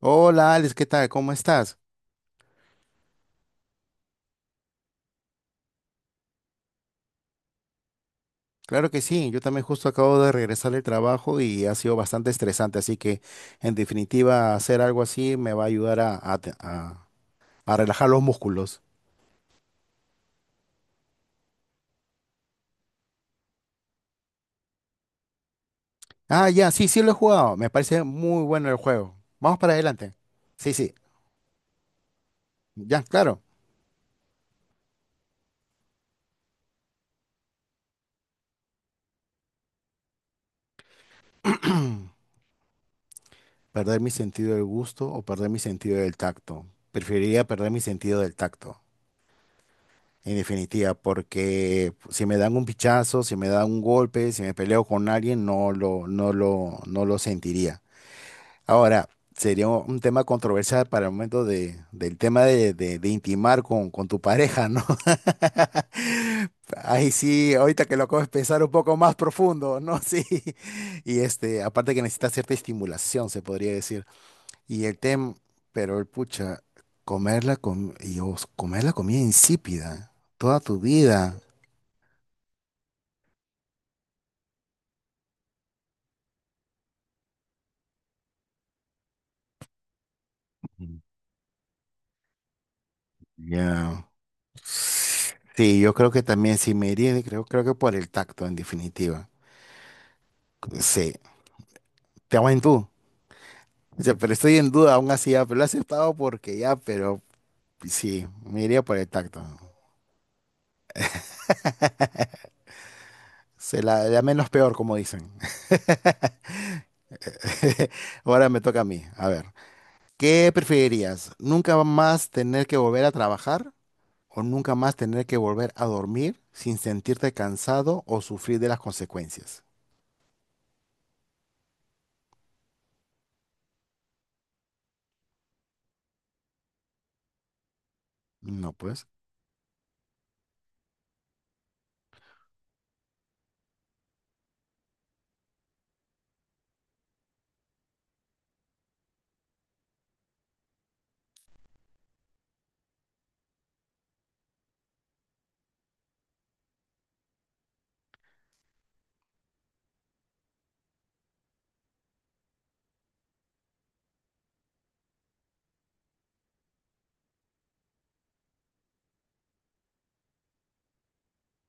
Hola Alex, ¿qué tal? ¿Cómo estás? Claro que sí, yo también justo acabo de regresar del trabajo y ha sido bastante estresante, así que en definitiva hacer algo así me va a ayudar a relajar los músculos. Ah, ya, sí, sí lo he jugado, me parece muy bueno el juego. Vamos para adelante. Sí, sí, ya, claro. Perder mi sentido del gusto o perder mi sentido del tacto. Preferiría perder mi sentido del tacto. En definitiva, porque si me dan un pichazo, si me dan un golpe, si me peleo con alguien, no lo sentiría. Ahora, sería un tema controversial para el momento del tema de intimar con tu pareja, ¿no? Ahí sí, ahorita que lo acabo de pensar un poco más profundo, ¿no? Sí. Y este, aparte que necesita cierta estimulación, se podría decir. Y el tema, pero el pucha, comer la comida insípida toda tu vida. Mm. Ya. Sí, yo creo que también sí me iría, creo que por el tacto, en definitiva. Sí, te hago en tú. O sea, pero estoy en duda aún así, ya, pero lo he aceptado porque ya, pero sí, me iría por el tacto. La menos peor, como dicen. Ahora me toca a mí. A ver, ¿qué preferirías? ¿Nunca más tener que volver a trabajar o nunca más tener que volver a dormir sin sentirte cansado o sufrir de las consecuencias? No, pues,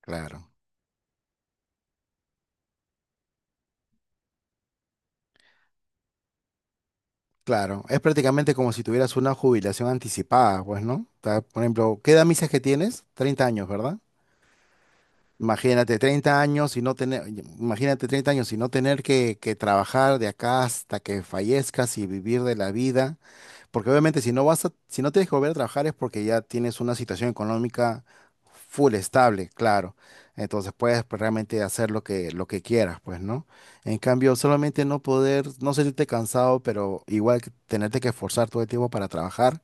claro. Claro, es prácticamente como si tuvieras una jubilación anticipada, pues, ¿no? O sea, por ejemplo, ¿qué edad me dices que tienes? 30 años, ¿verdad? Imagínate 30 años y no tener, imagínate 30 años y no tener que trabajar de acá hasta que fallezcas y vivir de la vida. Porque obviamente si no vas a, si no tienes que volver a trabajar es porque ya tienes una situación económica full estable, claro. Entonces puedes, pues, realmente hacer lo que quieras, pues, ¿no? En cambio, solamente no poder, no sentirte cansado, pero igual que tenerte que esforzar todo el tiempo para trabajar,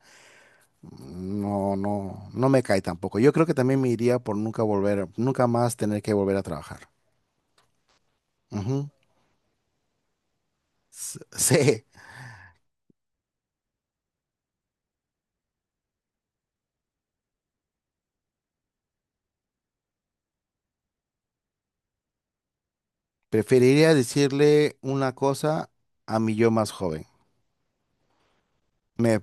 no, no, no me cae tampoco. Yo creo que también me iría por nunca más tener que volver a trabajar. Ujú. Sí, preferiría decirle una cosa a mi yo más joven. Me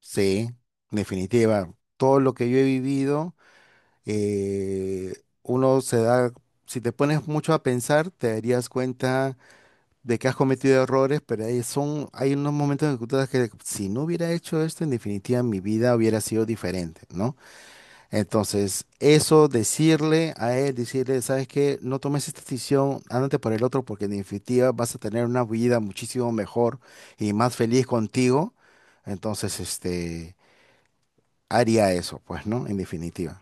Sí, en definitiva, todo lo que yo he vivido, eh, uno se da, si te pones mucho a pensar, te darías cuenta de que has cometido errores, pero hay, son, hay unos momentos en que tú te das que si no hubiera hecho esto, en definitiva mi vida hubiera sido diferente, ¿no? Entonces, eso, decirle a él, decirle, ¿sabes qué? No tomes esta decisión, ándate por el otro, porque en definitiva vas a tener una vida muchísimo mejor y más feliz contigo. Entonces, este, haría eso, pues, ¿no? En definitiva.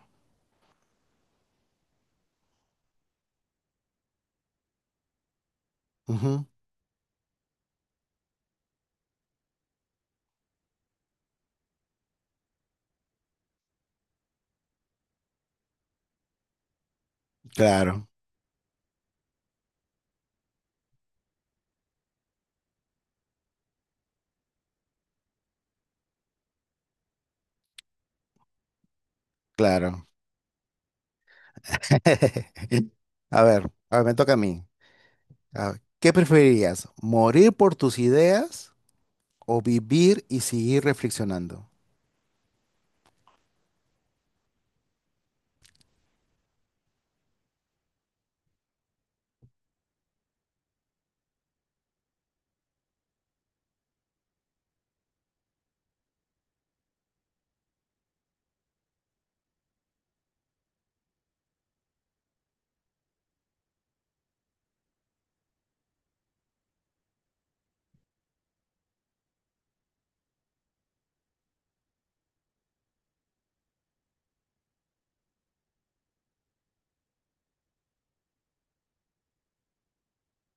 Ujú. Claro, claro. A ver, me toca a mí. A ver, ¿qué preferirías? ¿Morir por tus ideas o vivir y seguir reflexionando?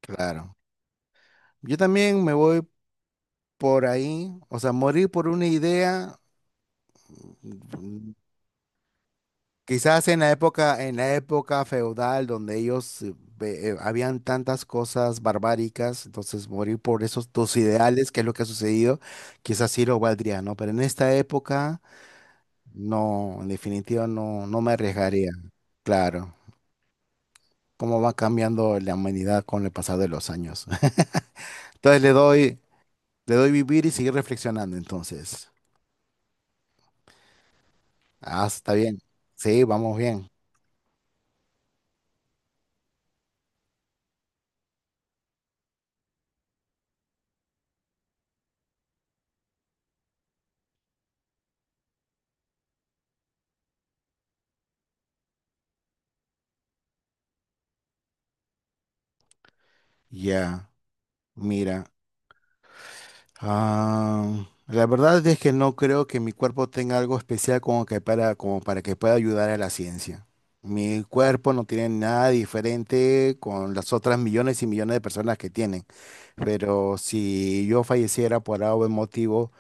Claro. Yo también me voy por ahí, o sea, morir por una idea. Quizás en la época feudal donde ellos habían tantas cosas barbáricas, entonces morir por esos tus ideales, que es lo que ha sucedido, quizás sí lo valdría, ¿no? Pero en esta época, no, en definitiva no, no me arriesgaría. Claro, cómo va cambiando la humanidad con el pasar de los años. Entonces le doy vivir y seguir reflexionando, entonces. Ah, está bien. Sí, vamos bien. Ya, mira. Ah, la verdad es que no creo que mi cuerpo tenga algo especial como para que pueda ayudar a la ciencia. Mi cuerpo no tiene nada diferente con las otras millones y millones de personas que tienen. Pero si yo falleciera por algún motivo,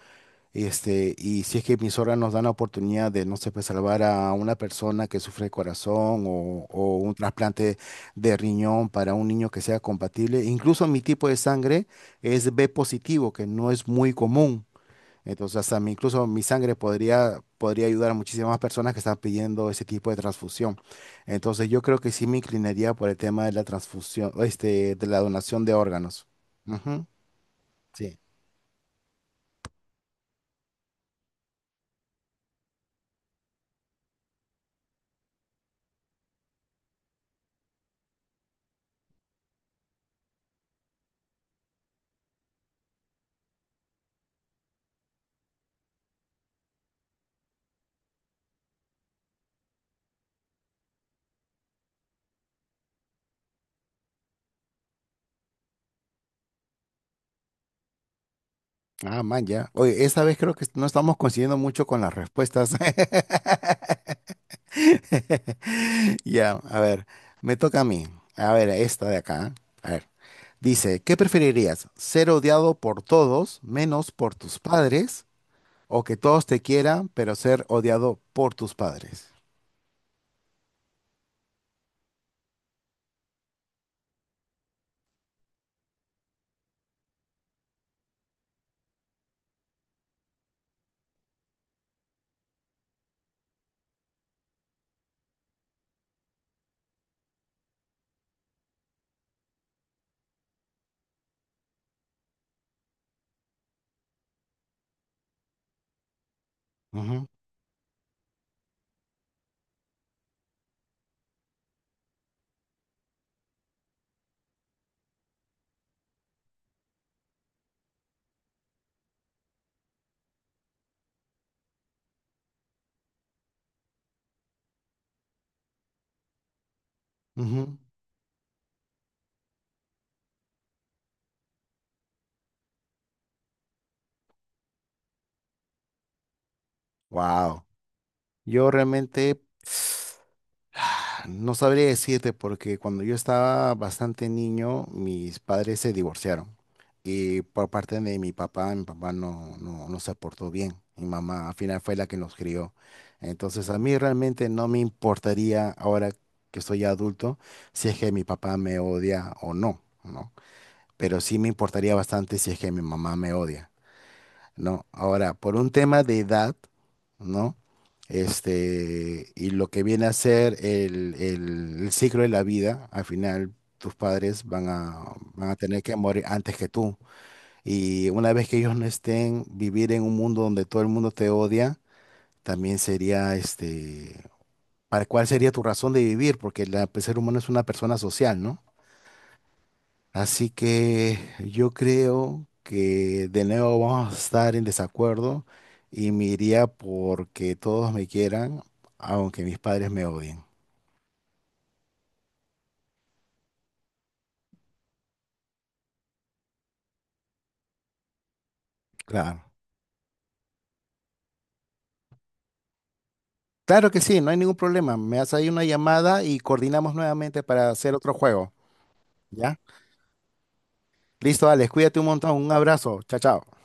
este, y si es que mis nos dan la oportunidad de, no sé, pues salvar a una persona que sufre de corazón o un trasplante de riñón para un niño que sea compatible. Incluso mi tipo de sangre es B positivo, que no es muy común. Entonces, hasta mi- incluso mi sangre podría ayudar a muchísimas personas que están pidiendo ese tipo de transfusión. Entonces, yo creo que sí me inclinaría por el tema de la transfusión, este, de la donación de órganos. Ujú, sí. Ah, man, ya. Oye, esta vez creo que no estamos coincidiendo mucho con las respuestas. Ya, a ver, me toca a mí. A ver, esta de acá. A ver, dice, ¿qué preferirías? ¿Ser odiado por todos menos por tus padres? ¿O que todos te quieran, pero ser odiado por tus padres? Wow. Yo realmente... No sabría decirte porque cuando yo estaba bastante niño, mis padres se divorciaron. Y por parte de mi papá no, no, no se portó bien. Mi mamá al final fue la que nos crió. Entonces a mí realmente no me importaría ahora que soy ya adulto si es que mi papá me odia o no, ¿no? Pero sí me importaría bastante si es que mi mamá me odia, ¿no? Ahora, por un tema de edad, ¿no? Este, y lo que viene a ser el ciclo de la vida, al final tus padres van a tener que morir antes que tú. Y una vez que ellos no estén, vivir en un mundo donde todo el mundo te odia, también sería, este, ¿para cuál sería tu razón de vivir? Porque el ser humano es una persona social, ¿no? Así que yo creo que de nuevo vamos a estar en desacuerdo y me iría porque todos me quieran, aunque mis padres me odien. Claro. Claro que sí, no hay ningún problema. Me haces ahí una llamada y coordinamos nuevamente para hacer otro juego. ¿Ya? Listo, Alex, cuídate un montón. Un abrazo. Chao, chao.